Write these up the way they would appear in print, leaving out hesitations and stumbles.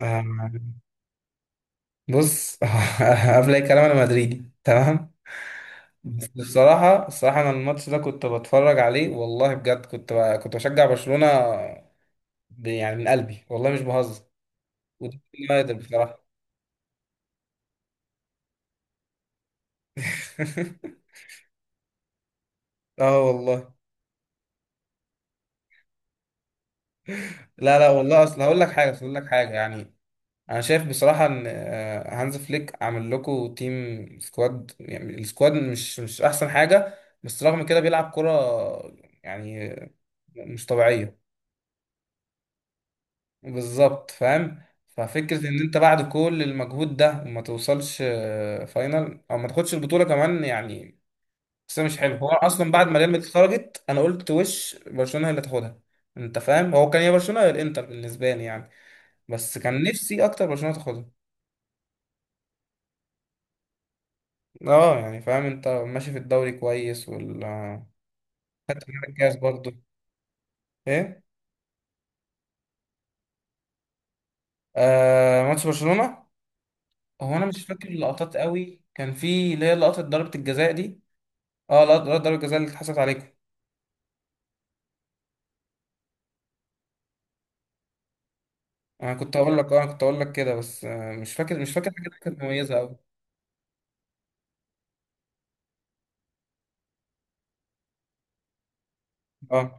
آه، بص. قبل اي كلام انا مدريدي تمام. بس بصراحه انا الماتش ده كنت بتفرج عليه والله بجد كنت بشجع برشلونه، يعني من قلبي والله مش بهزر، وده كان نادر بصراحه. اه والله. لا والله، اصل هقول لك حاجه أصل هقول لك حاجه يعني، انا شايف بصراحه ان هانز فليك عامل لكم تيم سكواد، يعني السكواد مش احسن حاجه، بس رغم كده بيلعب كره يعني مش طبيعيه. بالظبط، فاهم. ففكرة ان انت بعد كل المجهود ده وما توصلش فاينل او ما تاخدش البطولة كمان يعني بس مش حلو. هو اصلا بعد ما ريال مدريد خرجت انا قلت وش برشلونة هي اللي تاخدها. انت فاهم، هو كان يا برشلونة يا الانتر بالنسبة لي يعني، بس كان نفسي اكتر برشلونة تاخدها. اه يعني فاهم، انت ماشي في الدوري كويس والكاس برضو. ايه؟ آه، ماتش برشلونة. هو انا مش فاكر اللقطات قوي، كان في اللي هي لقطة ضربة الجزاء دي. اه، لقطة ضربة الجزاء اللي اتحسبت عليكم. انا كنت اقول لك اه أنا كنت اقول لك كده بس مش فاكر حاجه كانت مميزه قوي. اه.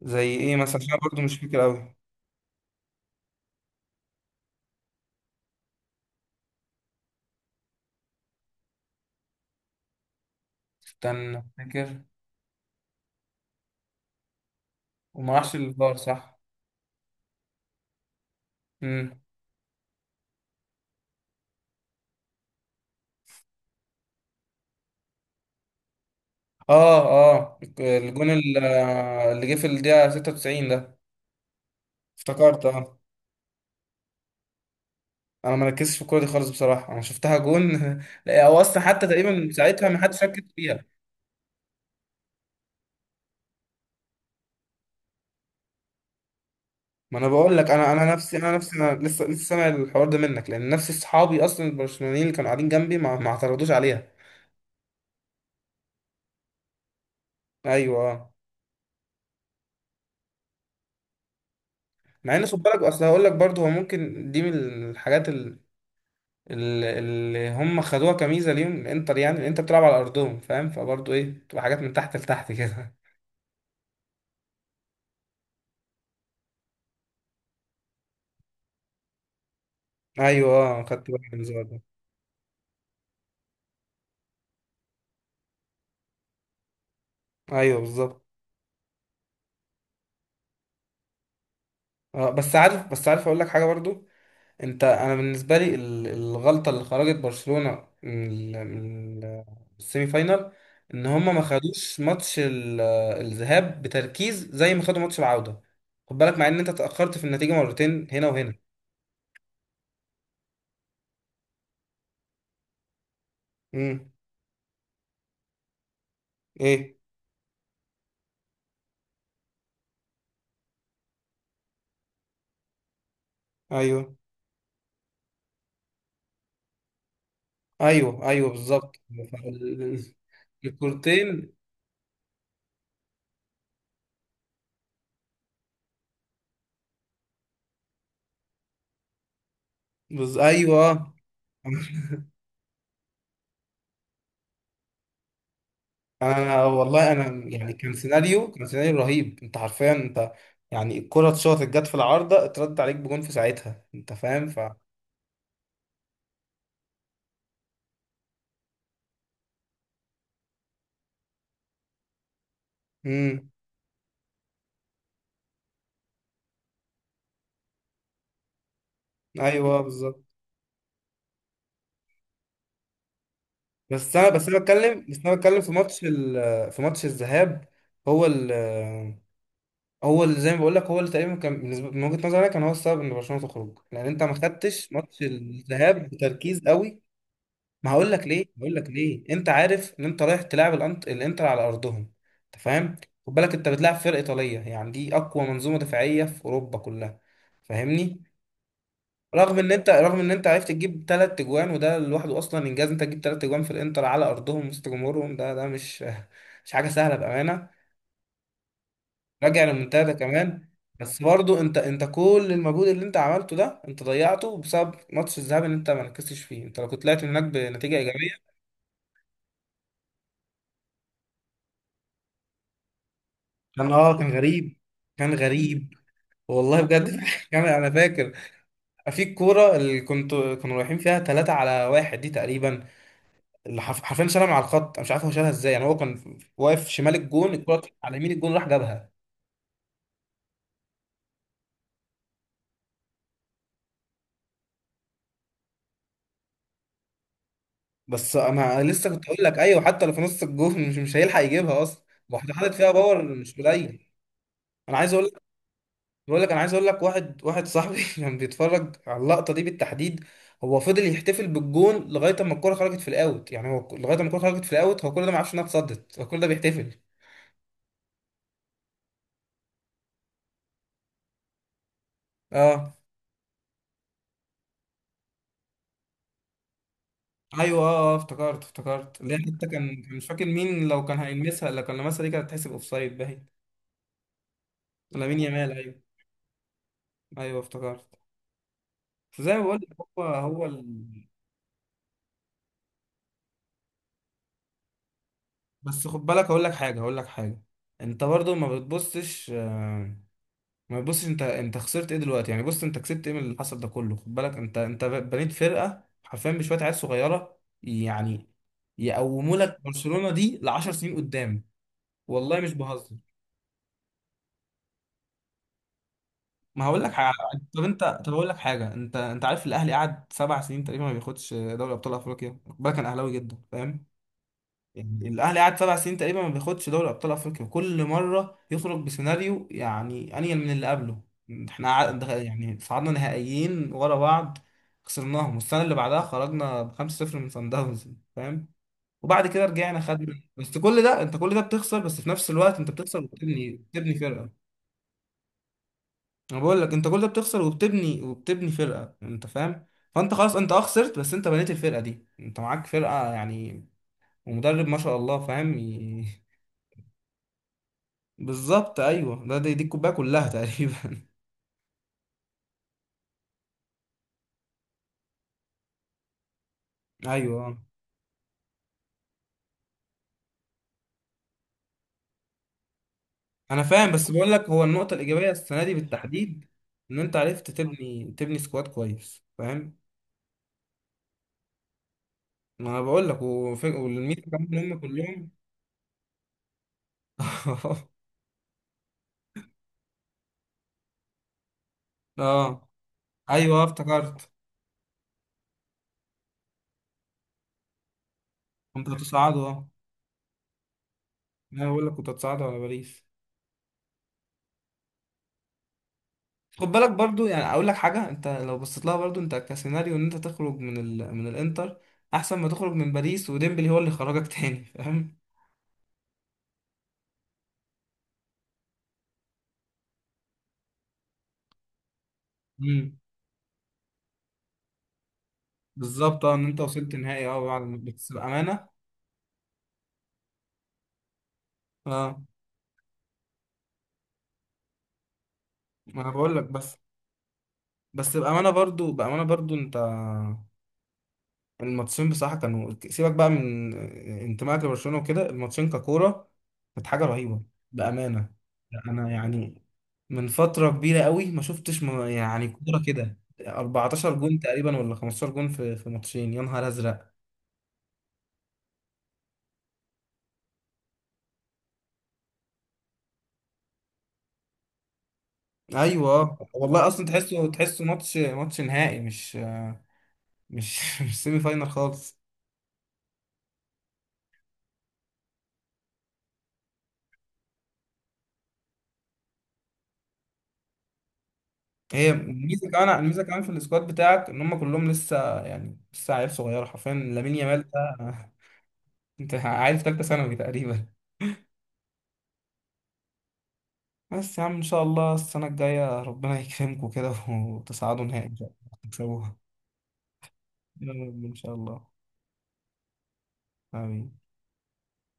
زي ايه مثلا، عشان أنا برضو مش فاكر قوي. استنى افتكر. وما راحش للفار، صح. امم. اه الجون اللي جه في الدقيقه 96 ده. افتكرت اه. انا ما ركزتش في الكوره دي خالص بصراحه، انا شفتها جون. لا هو اصلا حتى تقريبا ساعتها ما حدش ركز فيها. ما انا بقول لك، انا انا نفسي، نفسي، انا لسه سامع الحوار ده منك، لان نفس اصحابي اصلا البرشلونيين اللي كانوا قاعدين جنبي ما اعترضوش عليها. ايوه آه. مع ان خد بالك، اصل هقول لك برضه هو ممكن دي من الحاجات ال- اللي هم خدوها كميزه ليهم الانتر، يعني الانتر بتلعب على ارضهم، فاهم، فبرضه ايه، بتبقى حاجات من تحت لتحت كده. ايوه اه، خدت بالي من النظام ده. ايوه بالظبط. اه بس عارف، اقول لك حاجه برضه. انا بالنسبه لي الغلطه اللي خرجت برشلونه من السيمي فاينال، ان هم ما خدوش ماتش الذهاب بتركيز زي ما خدوا ماتش العوده. خد بالك، مع ان انت اتاخرت في النتيجه مرتين هنا وهنا. مم. ايه؟ ايوه ايوه بالظبط. ال- الكورتين. ايوه. انا والله انا يعني كان سيناريو، كان سيناريو رهيب، انت حرفيا يعني الكرة اتشاطت، جت في العارضة، اترد عليك بجون في ساعتها، انت فاهم، ف... امم. ايوه بالظبط. بس انا بتكلم في في ماتش الذهاب. هو ال... هو اللي زي ما بقول لك، هو اللي تقريبا كان بالنسبه من وجهه نظري أنا كان هو السبب ان برشلونه تخرج، لان انت ما خدتش ماتش الذهاب بتركيز قوي. ما هقول لك ليه هقول لك ليه. انت عارف ان انت رايح تلعب الانتر على ارضهم، انت فاهم. خد بالك انت بتلعب فرقه ايطاليه، يعني دي اقوى منظومه دفاعيه في اوروبا كلها، فاهمني. رغم ان انت عرفت تجيب 3 اجوان وده لوحده اصلا انجاز. انت تجيب 3 اجوان في الانتر على ارضهم وسط جمهورهم، ده مش حاجه سهله بامانه. راجع للمنتدى كمان. بس برضو انت كل المجهود اللي انت عملته ده انت ضيعته بسبب ماتش الذهاب اللي انت ما ركزتش فيه. انت لو كنت طلعت من هناك بنتيجه ايجابيه... كان اه كان غريب. كان غريب. والله بجد. كان... انا فاكر في الكوره اللي كانوا رايحين فيها 3 على 1 دي تقريبا، اللي حرفيا شالها من على الخط. انا مش عارف هو شالها ازاي يعني. هو كان واقف شمال الجون، الكوره كانت على يمين الجون، راح جابها. بس انا لسه كنت اقول لك ايوه، حتى لو في نص الجون مش هيلحق يجيبها اصلا. واحده حاطط فيها باور مش قليل. انا عايز اقول بقول لك انا عايز اقول لك، واحد، واحد صاحبي كان بيتفرج على اللقطه دي بالتحديد، هو فضل يحتفل بالجون لغايه اما الكوره خرجت في الاوت. يعني هو لغايه اما الكوره خرجت في الاوت هو كل ده ما عرفش انها اتصدت، هو كل ده بيحتفل. اه. ايوه اه افتكرت، اللي هي حتى كان مش فاكر مين، لو كان هيلمسها، لو كان لمسها دي كانت هتحسب اوفسايد باين. لامين يامال، ايوه. ايوه افتكرت. فزي ما بقول لك، بس خد بالك هقول لك حاجه، انت برضو ما بتبصش ما بص، انت خسرت ايه دلوقتي يعني؟ بص انت كسبت ايه من اللي حصل ده كله؟ خد بالك، انت بنيت فرقه حرفيا بشويه عيال صغيره يعني، يقوموا لك برشلونه دي ل 10 سنين قدام. والله مش بهزر. ما هقول لك حاجه. طب اقول لك حاجه. انت عارف الاهلي قعد 7 سنين تقريبا ما بياخدش دوري ابطال افريقيا؟ خد بالك انا اهلاوي جدا، فاهم. يعني الاهلي قعد 7 سنين تقريبا ما بياخدش دوري ابطال افريقيا، وكل مره يخرج بسيناريو يعني انيل من اللي قبله. احنا يعني صعدنا نهائيين ورا بعض، خسرناهم، والسنه اللي بعدها خرجنا ب 5-0 من صن داونز، فاهم. وبعد كده رجعنا خدنا. بس كل ده انت، كل ده بتخسر، بس في نفس الوقت انت بتخسر بتبني فرقه. انا بقول لك انت كل ده بتخسر وبتبني فرقه، انت فاهم. فانت خلاص، انت اه خسرت، بس انت بنيت الفرقه دي، انت معاك فرقه يعني، ومدرب ما شاء الله، فاهم. بالظبط، ايوه. ده دي الكوبايه كلها تقريبا. ايوه آه. انا فاهم، بس بقول لك هو النقطه الايجابيه السنه دي بالتحديد، ان انت عرفت تبني سكواد كويس، فاهم. ما انا بقول لك وف- والميزه كمان ان هم كلهم... اه ايوه افتكرت. كنت هتصعدوا اه. انا بقول لك كنت هتصعدوا على باريس. خد بالك برضو يعني اقول لك حاجه، انت لو بصيت لها برضو انت كسيناريو، ان انت تخرج من من الانتر احسن ما تخرج من باريس، وديمبلي هو اللي خرجك تاني، فاهم. بالظبط اه. ان انت وصلت نهائي اه بعد بس بامانه... اه. ما انا بقول لك. بس بامانه برضو انت الماتشين بصراحه كانوا... سيبك بقى من انتمائك لبرشلونه وكده، الماتشين ككوره كانت حاجه رهيبه، بامانه. انا يعني من فتره كبيره قوي ما شفتش يعني كوره كده. 14 جون تقريبا ولا 15 جون في في ماتشين، يا نهار ازرق. ايوه والله، اصلا تحسه، تحسه ماتش، ماتش نهائي مش مش مش سيمي فاينال خالص. هي الميزه كمان، الميزه كمان في السكواد بتاعك، ان هم كلهم لسه، يعني لسه عيال صغيره، حرفيا لامين يامال ده انت عيل في ثالثه ثانوي تقريبا. بس يا عم ان شاء الله السنه الجايه ربنا يكرمكم كده وتصعدوا نهائي ان شاء الله تكسبوها. يا رب ان شاء الله. امين.